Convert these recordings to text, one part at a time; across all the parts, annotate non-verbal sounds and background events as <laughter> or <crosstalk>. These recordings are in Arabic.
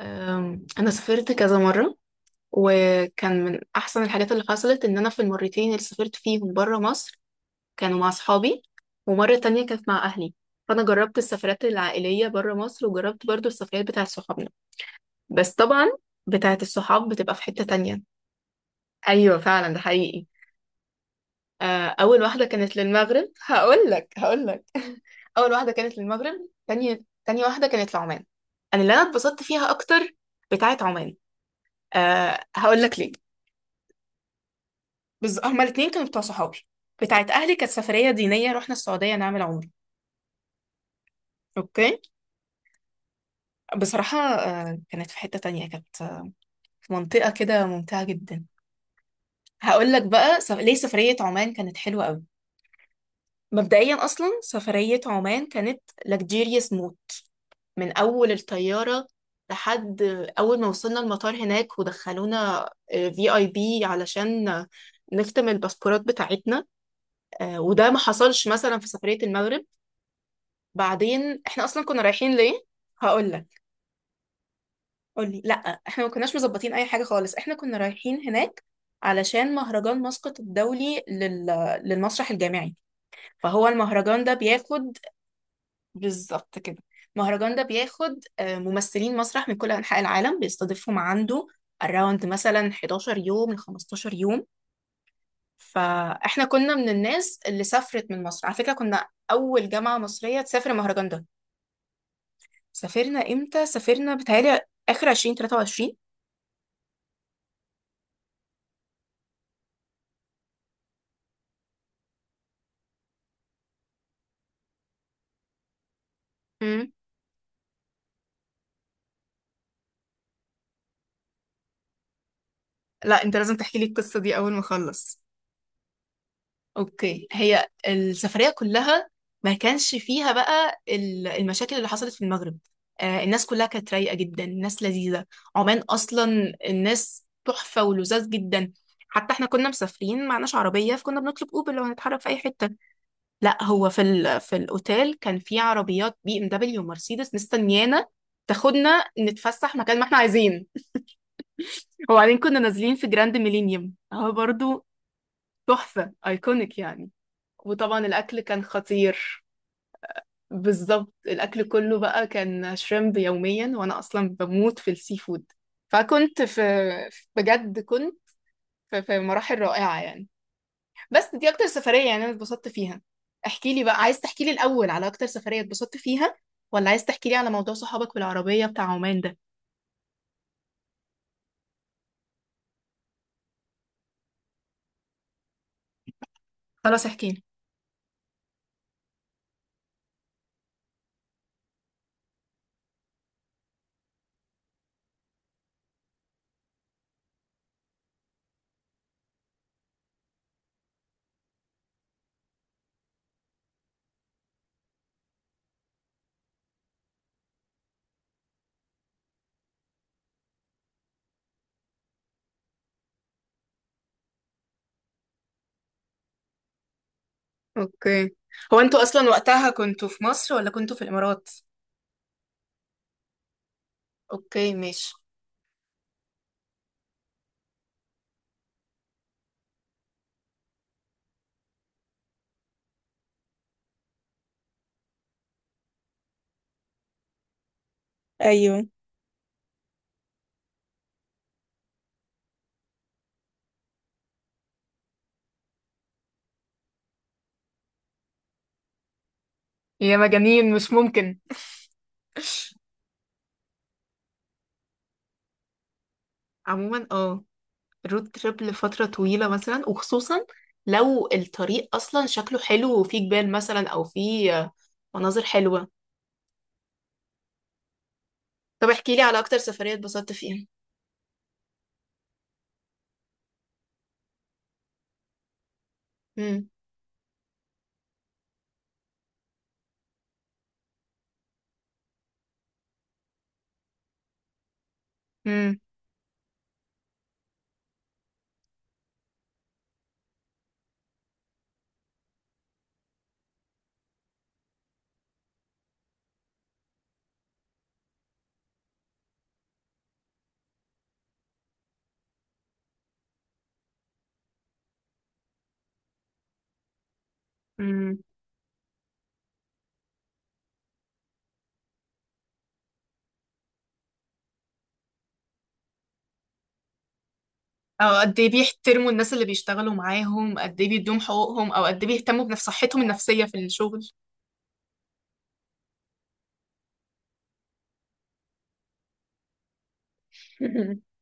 أنا سافرت كذا مرة، وكان من أحسن الحاجات اللي حصلت إن أنا في المرتين اللي سافرت فيهم برا مصر كانوا مع أصحابي، ومرة تانية كانت مع أهلي. فأنا جربت السفرات العائلية برا مصر وجربت برضو السفرات بتاعة صحابنا. بس طبعا بتاعة الصحاب بتبقى في حتة تانية. أيوة فعلا ده حقيقي. أول واحدة كانت للمغرب. <laughs> هقول لك. <laughs> أول واحدة كانت للمغرب، تانية واحدة كانت لعمان. أنا اتبسطت فيها أكتر، بتاعة عمان. أه هقول لك ليه. هما الاتنين كانوا بتوع صحابي. بتاعت أهلي كانت سفرية دينية، رحنا السعودية نعمل عمرة. أوكي. بصراحة آه، كانت في حتة تانية، كانت آه، في منطقة كده ممتعة جدا. هقول لك بقى ليه سفرية عمان كانت حلوة قوي. مبدئيا أصلا سفرية عمان كانت لكجيريوس موت، من أول الطيارة لحد أول ما وصلنا المطار هناك، ودخلونا في اي بي علشان نختم الباسبورات بتاعتنا. وده ما حصلش مثلا في سفرية المغرب. بعدين احنا اصلا كنا رايحين ليه؟ هقول لك. قولي لا، احنا ما كناش مظبطين اي حاجه خالص. احنا كنا رايحين هناك علشان مهرجان مسقط الدولي للمسرح الجامعي. فهو المهرجان ده بياخد، بالظبط كده، المهرجان ده بياخد ممثلين مسرح من كل انحاء العالم، بيستضيفهم عنده around مثلا 11 يوم ل 15 يوم. فاحنا كنا من الناس اللي سافرت من مصر، على فكره كنا اول جامعه مصريه تسافر المهرجان ده. سافرنا امتى؟ سافرنا بتهيألي اخر 2023. امم. لا انت لازم تحكي لي القصة دي اول ما اخلص. اوكي، هي السفرية كلها ما كانش فيها بقى ال- المشاكل اللي حصلت في المغرب. آه، الناس كلها كانت رايقة جدا، الناس لذيذة. عمان اصلا الناس تحفة ولذاذ جدا. حتى احنا كنا مسافرين معناش عربية، فكنا بنطلب اوبر لو هنتحرك في اي حتة. لا، هو في الاوتيل كان في عربيات بي ام دبليو ومرسيدس مستنيانا تاخدنا نتفسح مكان ما احنا عايزين. وبعدين كنا نازلين في جراند ميلينيوم، هو برضو تحفة ايكونيك يعني. وطبعا الاكل كان خطير. بالظبط، الاكل كله بقى كان شريمب يوميا، وانا اصلا بموت في السي فود. فكنت في بجد كنت في مراحل رائعة يعني. بس دي اكتر سفرية يعني انا اتبسطت فيها. احكي لي بقى، عايز تحكي لي الاول على اكتر سفرية اتبسطت فيها، ولا عايز تحكي لي على موضوع صحابك بالعربية بتاع عمان ده؟ خلاص احكي لي. اوكي، هو انتوا اصلا وقتها كنتوا في مصر ولا كنتوا في الامارات؟ اوكي ماشي. ايوه. يا مجانين مش ممكن. <laughs> عموما اه، رود تريب لفترة طويلة مثلا، وخصوصا لو الطريق اصلا شكله حلو وفيه جبال مثلا، او فيه مناظر حلوة. طب احكي لي على اكتر سفرية اتبسطت فيها. امم. امم. امم. او قد ايه بيحترموا الناس اللي بيشتغلوا معاهم، قد ايه بيدوهم حقوقهم، او قد ايه بيهتموا بنفس صحتهم النفسية في الشغل. <laughs>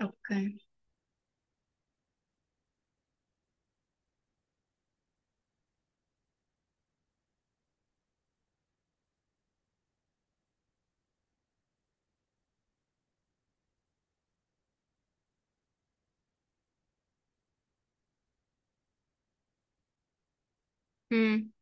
اوكي. امم.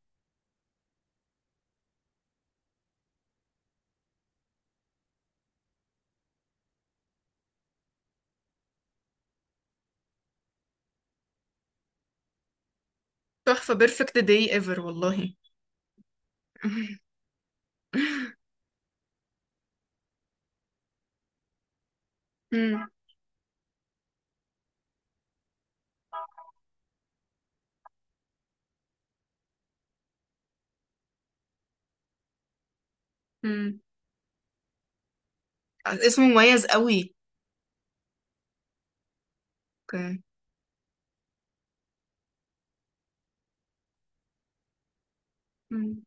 تحفة، بيرفكت داي ايفر والله. <laughs> امم. مم. اسمه مميز قوي. اوكي. مم.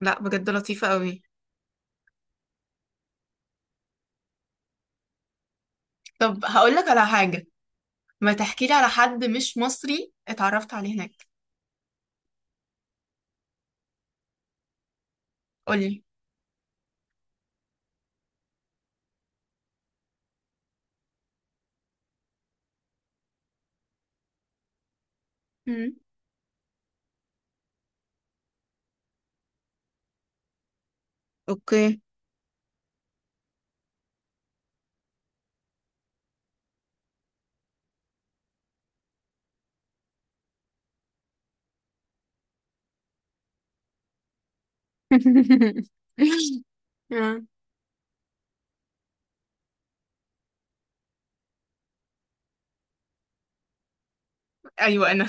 لا بجد لطيفة قوي. طب هقول لك على حاجة. ما تحكي لي على حد مش مصري اتعرفت عليه هناك. قولي. مم. اوكي. <laughs> آه. ايوه انا. <laughs>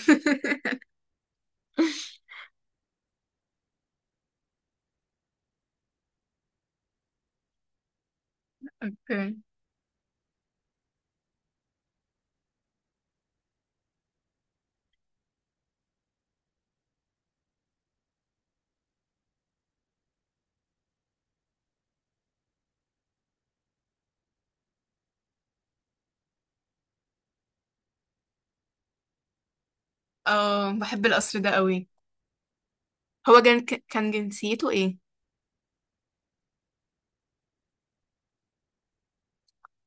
اوكي. اه بحب القصر ده قوي. هو كان، كان جنسيته ايه؟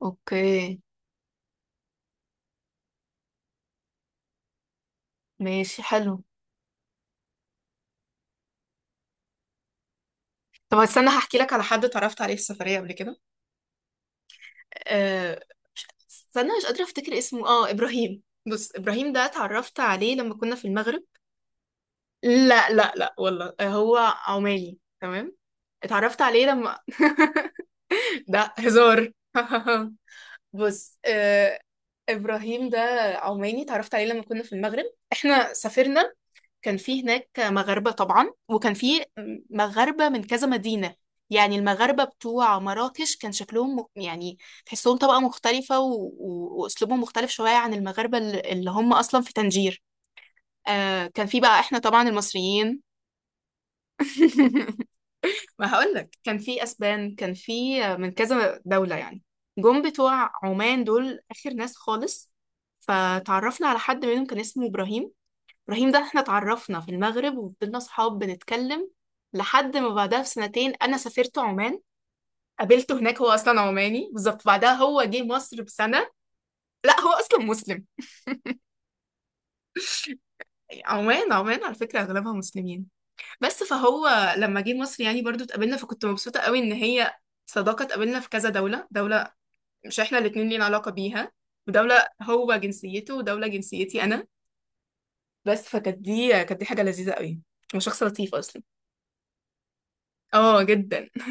اوكي ماشي، حلو. طب استنى هحكي لك على حد اتعرفت عليه في السفرية قبل كده. استنى مش قادرة افتكر اسمه، اه ابراهيم. بص، ابراهيم ده اتعرفت عليه لما كنا في المغرب. لا لا لا والله، هو عماني تمام. اتعرفت عليه لما <laughs> ده هزار. <laughs> بص ابراهيم ده عماني، اتعرفت عليه لما كنا في المغرب. احنا سافرنا، كان في هناك مغاربة طبعا، وكان في مغاربة من كذا مدينة. يعني المغاربة بتوع مراكش كان شكلهم يعني تحسهم طبقة مختلفة وأسلوبهم مختلف شوية عن المغاربة اللي هم أصلا في طنجير. آه، كان في بقى احنا طبعا المصريين. <laughs> ما هقولك، كان في أسبان، كان في من كذا دولة يعني. جم بتوع عمان دول آخر ناس خالص. فتعرفنا على حد منهم كان اسمه إبراهيم. ابراهيم ده احنا اتعرفنا في المغرب وفضلنا صحاب بنتكلم لحد ما بعدها بسنتين انا سافرت عمان، قابلته هناك. هو اصلا عماني بالظبط، بعدها هو جه مصر بسنه. لا هو اصلا مسلم. عمان عمان على فكره اغلبها مسلمين. بس فهو لما جه مصر يعني برضو اتقابلنا، فكنت مبسوطه قوي ان هي صداقه اتقابلنا في كذا دوله، دوله مش احنا الاتنين لينا علاقه بيها، ودوله هو جنسيته، ودوله جنسيتي انا. بس فكانت دي، كانت دي حاجه لذيذه قوي. هو شخص لطيف اصلا. اه جدا.